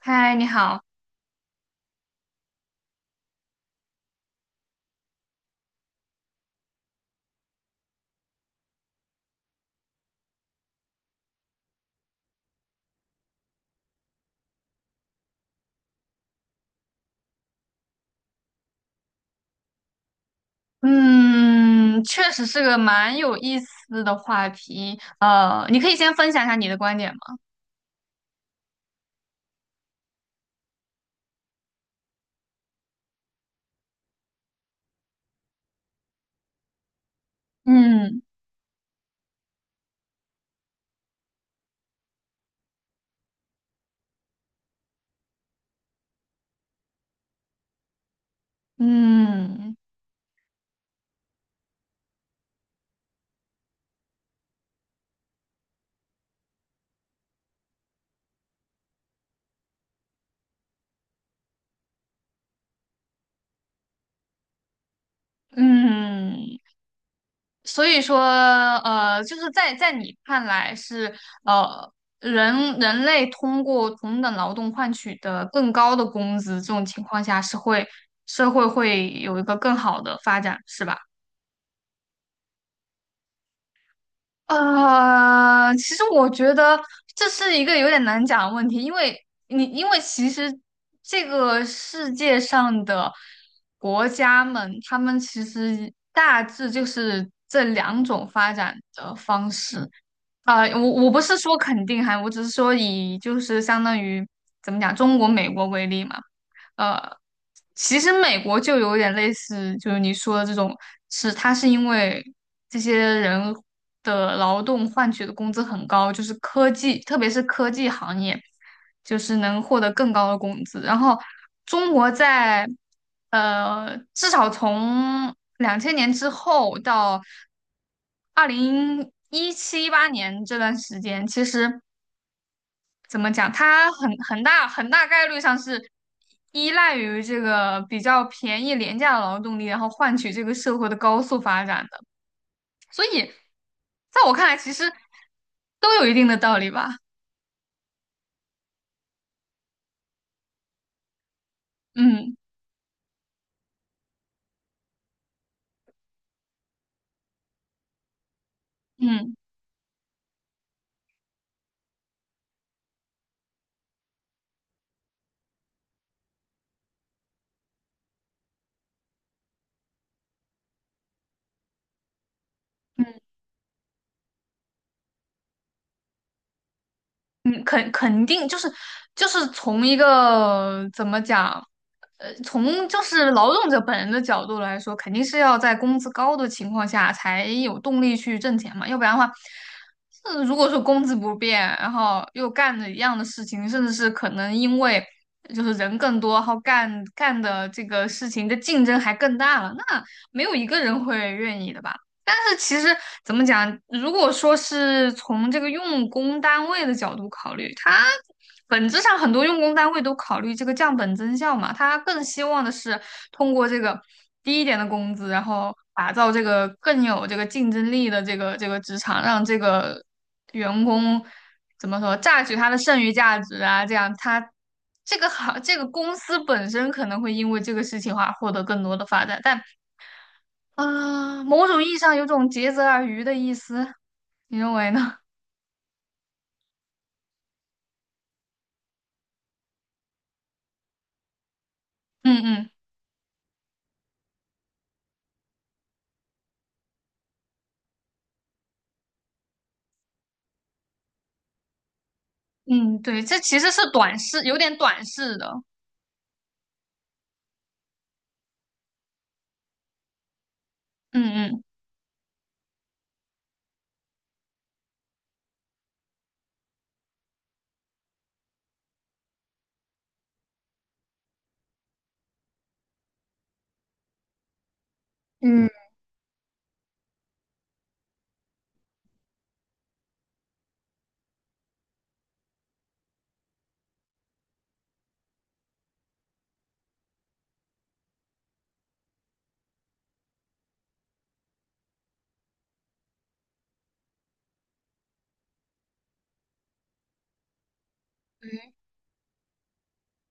嗨，你好。嗯，确实是个蛮有意思的话题。你可以先分享一下你的观点吗？嗯嗯嗯。所以说，就是在你看来是，呃，人类通过同等劳动换取的更高的工资，这种情况下社会会有一个更好的发展，是吧？其实我觉得这是一个有点难讲的问题，因为因为其实这个世界上的国家们，他们其实大致就是这两种发展的方式。我不是说肯定哈，我只是说，以就是相当于怎么讲，中国、美国为例嘛。呃。其实美国就有点类似，就是你说的这种，是它是因为这些人的劳动换取的工资很高，就是科技，特别是科技行业，就是能获得更高的工资。然后中国在，至少从2000年之后到2017、18年这段时间，其实怎么讲？它很大很大概率上是依赖于这个比较便宜廉价的劳动力，然后换取这个社会的高速发展的。所以，在我看来，其实都有一定的道理吧。嗯嗯。嗯，肯定就是从一个怎么讲，从就是劳动者本人的角度来说，肯定是要在工资高的情况下才有动力去挣钱嘛。要不然的话，如果说工资不变，然后又干着一样的事情，甚至是可能因为就是人更多，然后干的这个事情的竞争还更大了，那没有一个人会愿意的吧。但是其实怎么讲，如果说是从这个用工单位的角度考虑，它本质上很多用工单位都考虑这个降本增效嘛。它更希望的是通过这个低一点的工资，然后打造这个更有这个竞争力的这个职场，让这个员工，怎么说，榨取他的剩余价值啊，这样他。这个公司本身可能会因为这个事情话获得更多的发展，但啊，某种意义上有种竭泽而渔的意思，你认为呢？嗯嗯嗯，对，这其实是短视，有点短视的。嗯嗯嗯，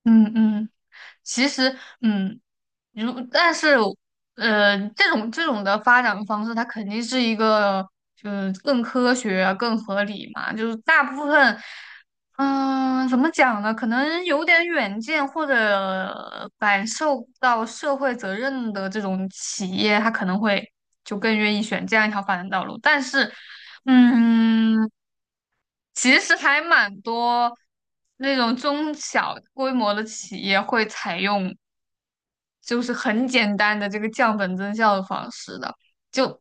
嗯嗯。其实，嗯，但是,这种的发展方式，它肯定是一个，就是更科学啊、更合理嘛。就是大部分，怎么讲呢？可能有点远见或者感受到社会责任的这种企业，它可能会就更愿意选这样一条发展道路。但是，嗯，其实还蛮多那种中小规模的企业会采用。就是很简单的这个降本增效的方式的。就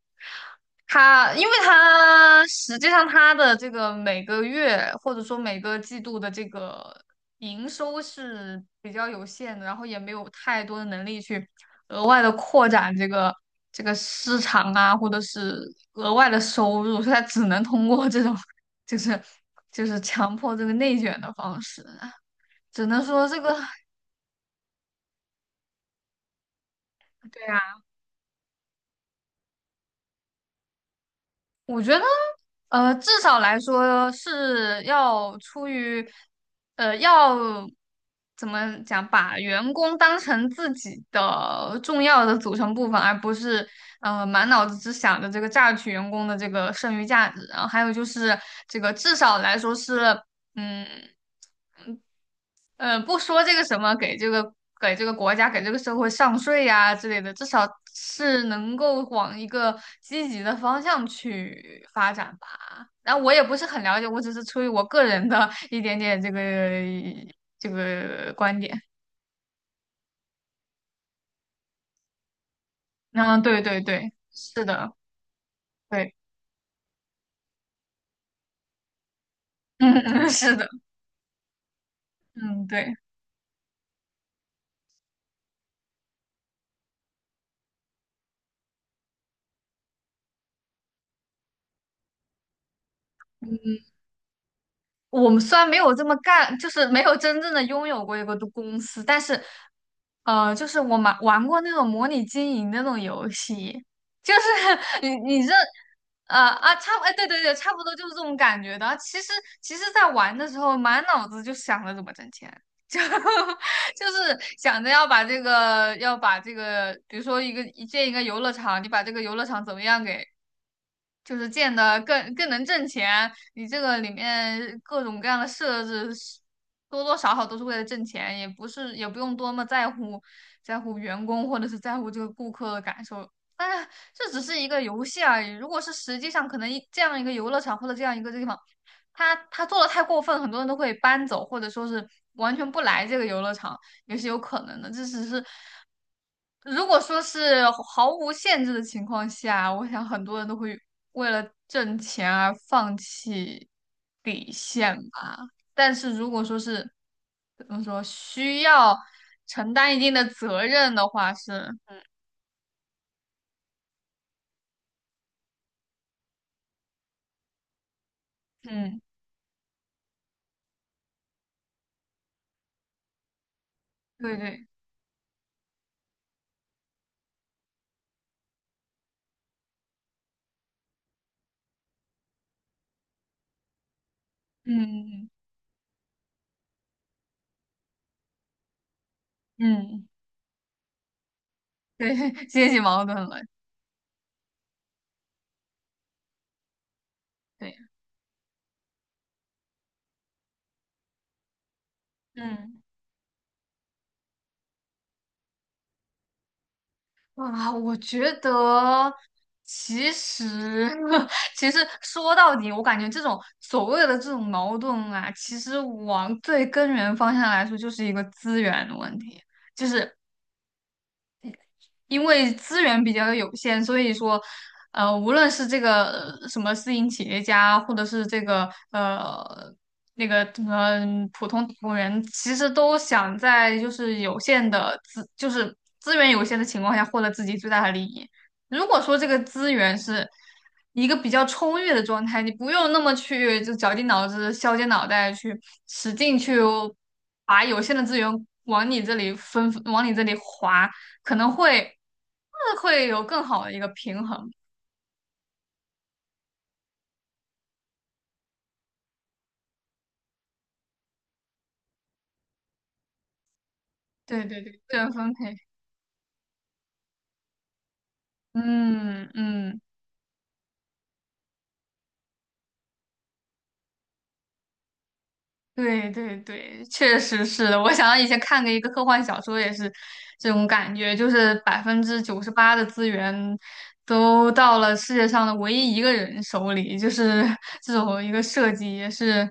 因为它实际上它的这个每个月或者说每个季度的这个营收是比较有限的，然后也没有太多的能力去额外的扩展这个市场啊，或者是额外的收入，所以它只能通过这种，就是就是强迫这个内卷的方式，只能说这个 对啊。我觉得，至少来说是要出于，要怎么讲，把员工当成自己的重要的组成部分，而不是满脑子只想着这个榨取员工的这个剩余价值。然后还有就是这个，至少来说是，嗯。嗯，不说这个什么给这个国家给这个社会上税呀之类的，至少是能够往一个积极的方向去发展吧。然后我也不是很了解，我只是出于我个人的一点点这个观点。嗯，对对对，是的。对。嗯嗯，是的。嗯，对。我们虽然没有这么干，就是没有真正的拥有过一个公司，但是，就是我玩过那种模拟经营的那种游戏，就是 你你这呃啊差不哎对对对，差不多就是这种感觉的。其实，在玩的时候，满脑子就想着怎么挣钱，就就是想着要把这个，比如说一个一建一个游乐场。你把这个游乐场怎么样给，就是建的更能挣钱。你这个里面各种各样的设置是，多多少少都是为了挣钱，也不用多么在乎员工或者是在乎这个顾客的感受。但是这只是一个游戏而已。如果是实际上，可能这样一个游乐场或者这样一个地方，他做的太过分，很多人都会搬走，或者说是完全不来这个游乐场。也是有可能的。这只是，如果说是毫无限制的情况下，我想很多人都会为了挣钱而放弃底线吧。但是如果说是怎么说，需要承担一定的责任的话是。嗯，对对，嗯嗯，嗯对，阶级矛盾了，对，嗯。啊，我觉得其实 其实说到底，我感觉这种所谓的这种矛盾啊，其实往最根源方向来说，就是一个资源的问题。就是因为资源比较有限，所以说，无论是这个什么私营企业家，或者是这个那个什么普通打工人，其实都想在，就是有限的资，就是资源有限的情况下获得自己最大的利益。如果说这个资源是一个比较充裕的状态，你不用那么去就绞尽脑汁、削尖脑袋去使劲去把有限的资源往你这里分，往你这里划。可能会，会有更好的一个平衡。对对对，资源分配，嗯嗯，对对对，确实是的。我想到以前看过一个科幻小说，也是这种感觉，就是98%的资源都到了世界上的唯一一个人手里，就是 这种一个设计也是。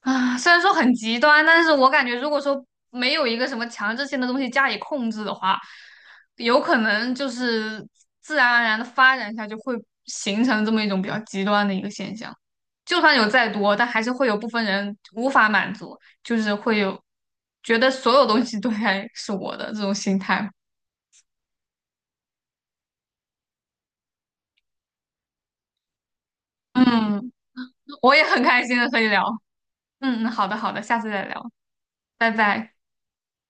啊，虽然说很极端，但是我感觉如果说没有一个什么强制性的东西加以控制的话，有可能就是自然而然的发展下就会形成这么一种比较极端的一个现象。就算有再多，但还是会有部分人无法满足，就是会有觉得所有东西都该是我的这种心态。嗯，我也很开心的和你聊。嗯嗯，好的好的，下次再聊，拜拜。